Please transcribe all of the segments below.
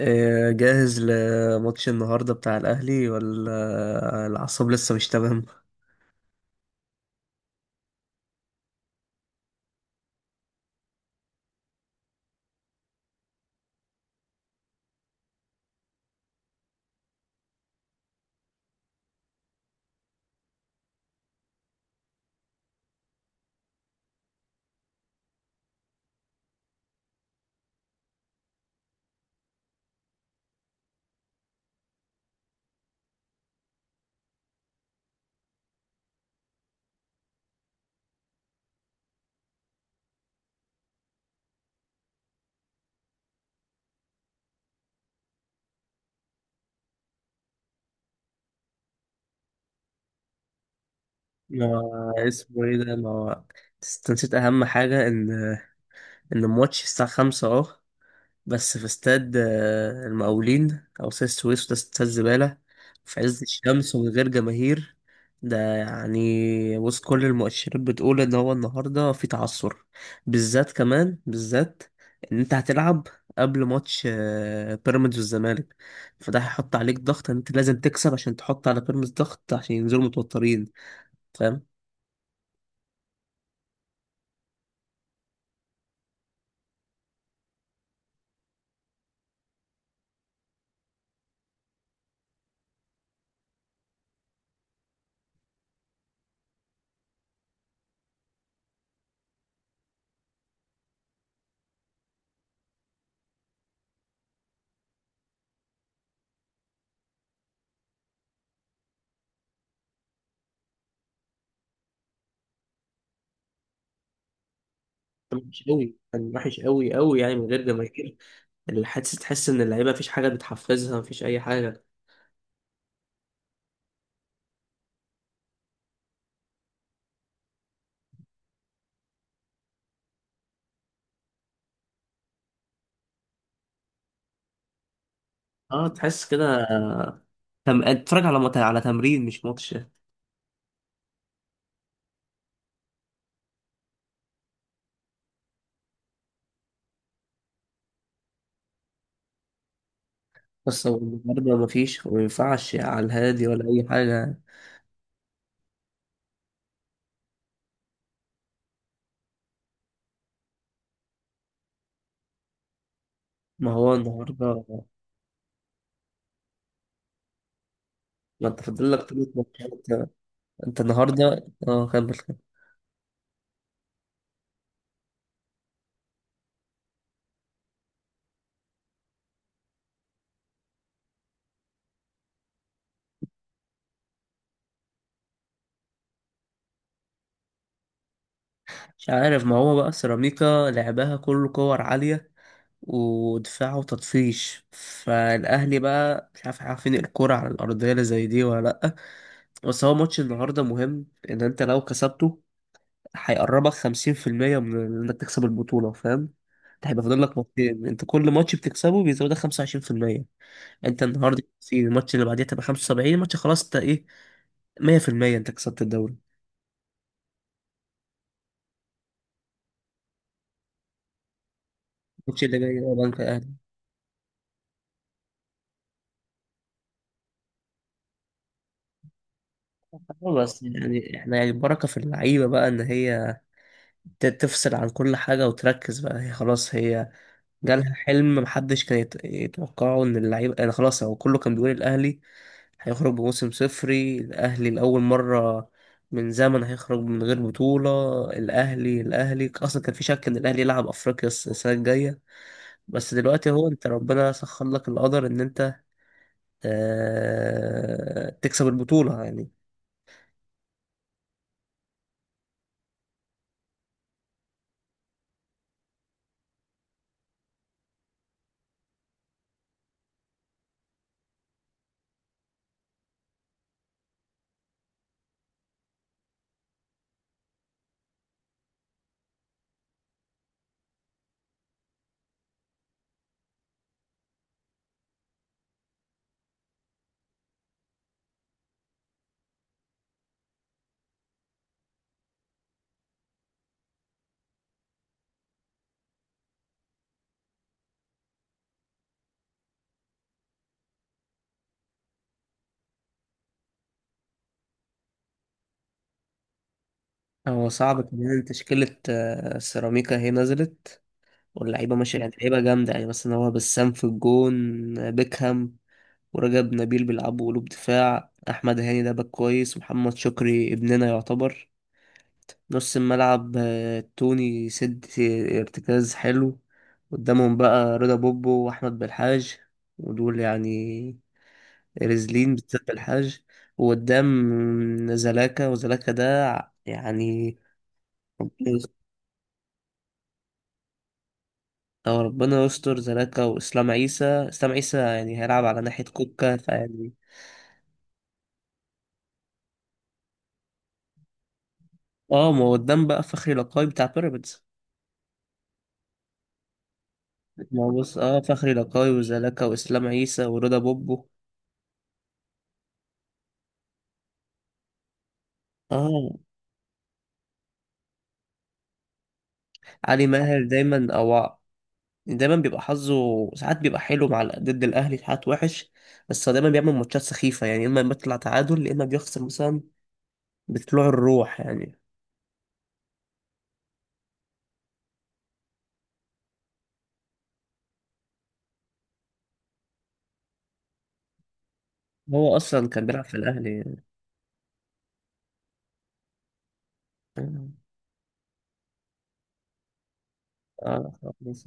إيه، جاهز لماتش النهاردة بتاع الأهلي ولا الأعصاب لسه مش تمام؟ ما اسمه ايه ده؟ ما هو- بس انت نسيت أهم حاجة إن الماتش الساعة خمسة أهو. بس في استاد المقاولين أو استاد السويس، وده استاد زبالة في عز الشمس ومن غير جماهير. ده يعني بص، كل المؤشرات بتقول إن هو النهاردة في تعثر، بالذات كمان بالذات إن أنت هتلعب قبل ماتش بيراميدز والزمالك. فده هيحط عليك ضغط إن أنت لازم تكسب عشان تحط على بيراميدز ضغط عشان ينزلوا متوترين، فاهم؟ وحش قوي، كان وحش قوي قوي يعني من غير جماهير. الحادث تحس ان اللعيبه مفيش حاجه بتحفزها، مفيش اي حاجه. اه تحس كده. اتفرج على على تمرين مش ماتش. بس هو النهارده مفيش وما ينفعش على الهادي ولا اي حاجه. ما هو النهارده، ما انت فاضل لك ثلاث ماتشات. انت النهارده اه، كمل كمل. مش عارف، ما هو بقى سيراميكا لعبها كله كور عاليه ودفاع وتطفيش، فالاهلي بقى مش عارف، عارفين الكرة على الارضيه اللي زي دي ولا لا. بس هو ماتش النهارده مهم، ان انت لو كسبته هيقربك 50% من انك تكسب البطولة، فاهم. انت هيبقى فاضل لك ماتشين، انت كل ماتش بتكسبه بيزودك 25%. انت النهارده 50، الماتش اللي بعديه تبقى 75، الماتش خلاص انت ايه، 100% انت كسبت الدوري. الماتش اللي جاي هو بنك الاهلي. اه بس يعني احنا يعني البركة في اللعيبة بقى، ان هي تفصل عن كل حاجة وتركز بقى. هي خلاص، هي جالها حلم محدش كان يتوقعه ان اللعيبة يعني خلاص. هو كله كان بيقول الاهلي هيخرج بموسم صفري، الأهلي لأول مرة من زمن هيخرج من غير بطولة. الأهلي أصلا كان في شك إن الأهلي يلعب أفريقيا السنة الجاية. بس دلوقتي هو أنت، ربنا سخر لك القدر إن أنت تكسب البطولة يعني. هو صعب كمان تشكيلة سيراميكا هي نزلت، واللعيبة ماشية يعني لعيبة جامدة. يعني مثلا هو بسام في الجون، بيكهام ورجب نبيل بيلعبوا قلوب دفاع، أحمد هاني ده باك كويس، محمد شكري ابننا يعتبر نص الملعب، توني سد ارتكاز حلو. قدامهم بقى رضا بوبو واحمد بالحاج، ودول يعني رزلين بالذات بالحاج. وقدام زلاكا، وزلاكا ده يعني ربنا يس- أو ربنا يستر. زلاكا وإسلام عيسى، إسلام عيسى يعني هيلعب على ناحية كوكا، فيعني. اه، ما هو قدام بقى فخري لقاي بتاع بيراميدز. ما هو بص، اه فخري لقاي وزلاكا وإسلام عيسى ورضا بوبو. اه علي ماهر دايما او دايما بيبقى حظه، ساعات بيبقى حلو مع ضد الاهلي، ساعات وحش. بس هو دايما بيعمل ماتشات سخيفه، يعني اما بيطلع تعادل يا اما بيخسر مثلا، بطلوع الروح يعني. هو اصلا كان بيلعب في الاهلي يعني. اه خلاص.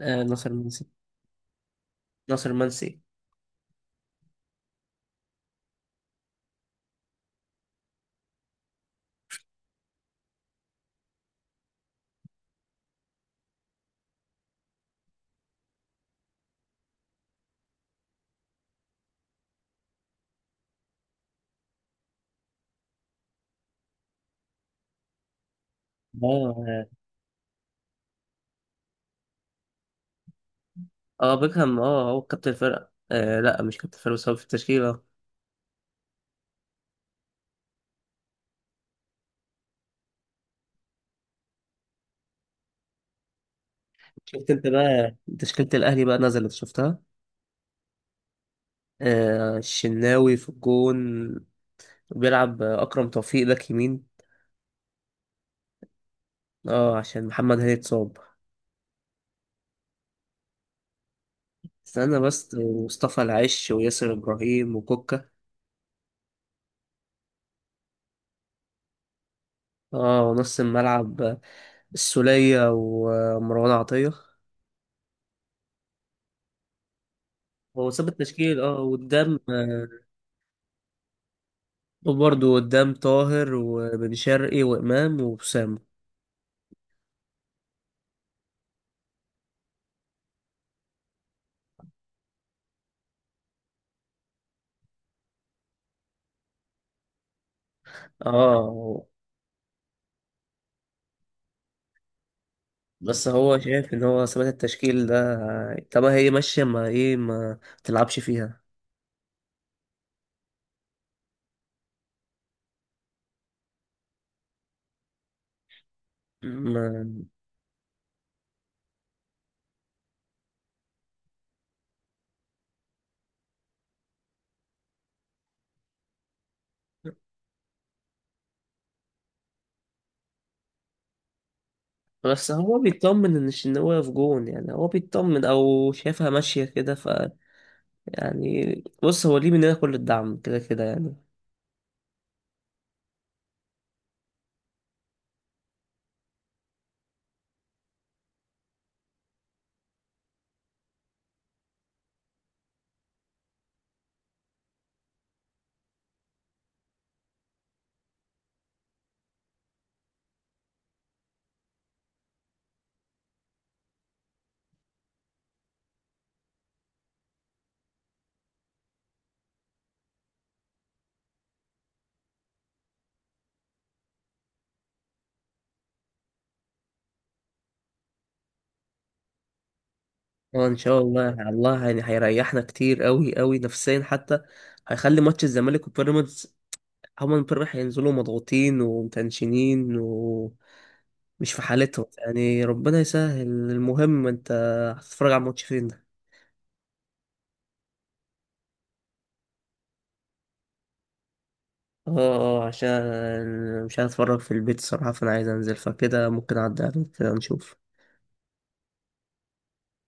ناصر منسي. ناصر منسي. اه. اه. بيكهام اه، هو كابتن الفرقه. آه لا، مش كابتن الفرقه، بس هو في التشكيله. شفت انت بقى تشكيله الاهلي بقى نزلت، شفتها؟ آه الشناوي في الجون. بيلعب اكرم توفيق باك يمين، اه عشان محمد هاني اتصاب. استنى بس، مصطفى العش وياسر إبراهيم وكوكا. اه ونص الملعب السولية ومروان عطية. هو ساب التشكيل اه، وقدام وبرضه قدام طاهر وبن شرقي وإمام وأسامة. اه بس هو شايف إن هو ثبات التشكيل ده طب هي ماشية، ما إيه، ما تلعبش فيها. ما بس هو بيطمن إن هو في جون يعني، هو بيطمن أو شايفها ماشية كده، ف يعني بص، هو ليه مننا كل الدعم كده كده يعني. هو ان شاء الله على الله يعني هيريحنا كتير قوي قوي نفسيا حتى. هيخلي ماتش الزمالك وبيراميدز، هما امبارح هينزلوا مضغوطين ومتنشنين ومش في حالتهم يعني، ربنا يسهل. المهم انت هتتفرج على الماتش فين ده؟ اه اه، عشان مش هتفرج في البيت الصراحة، فانا عايز انزل، فكده ممكن اعدي عليك كده نشوف.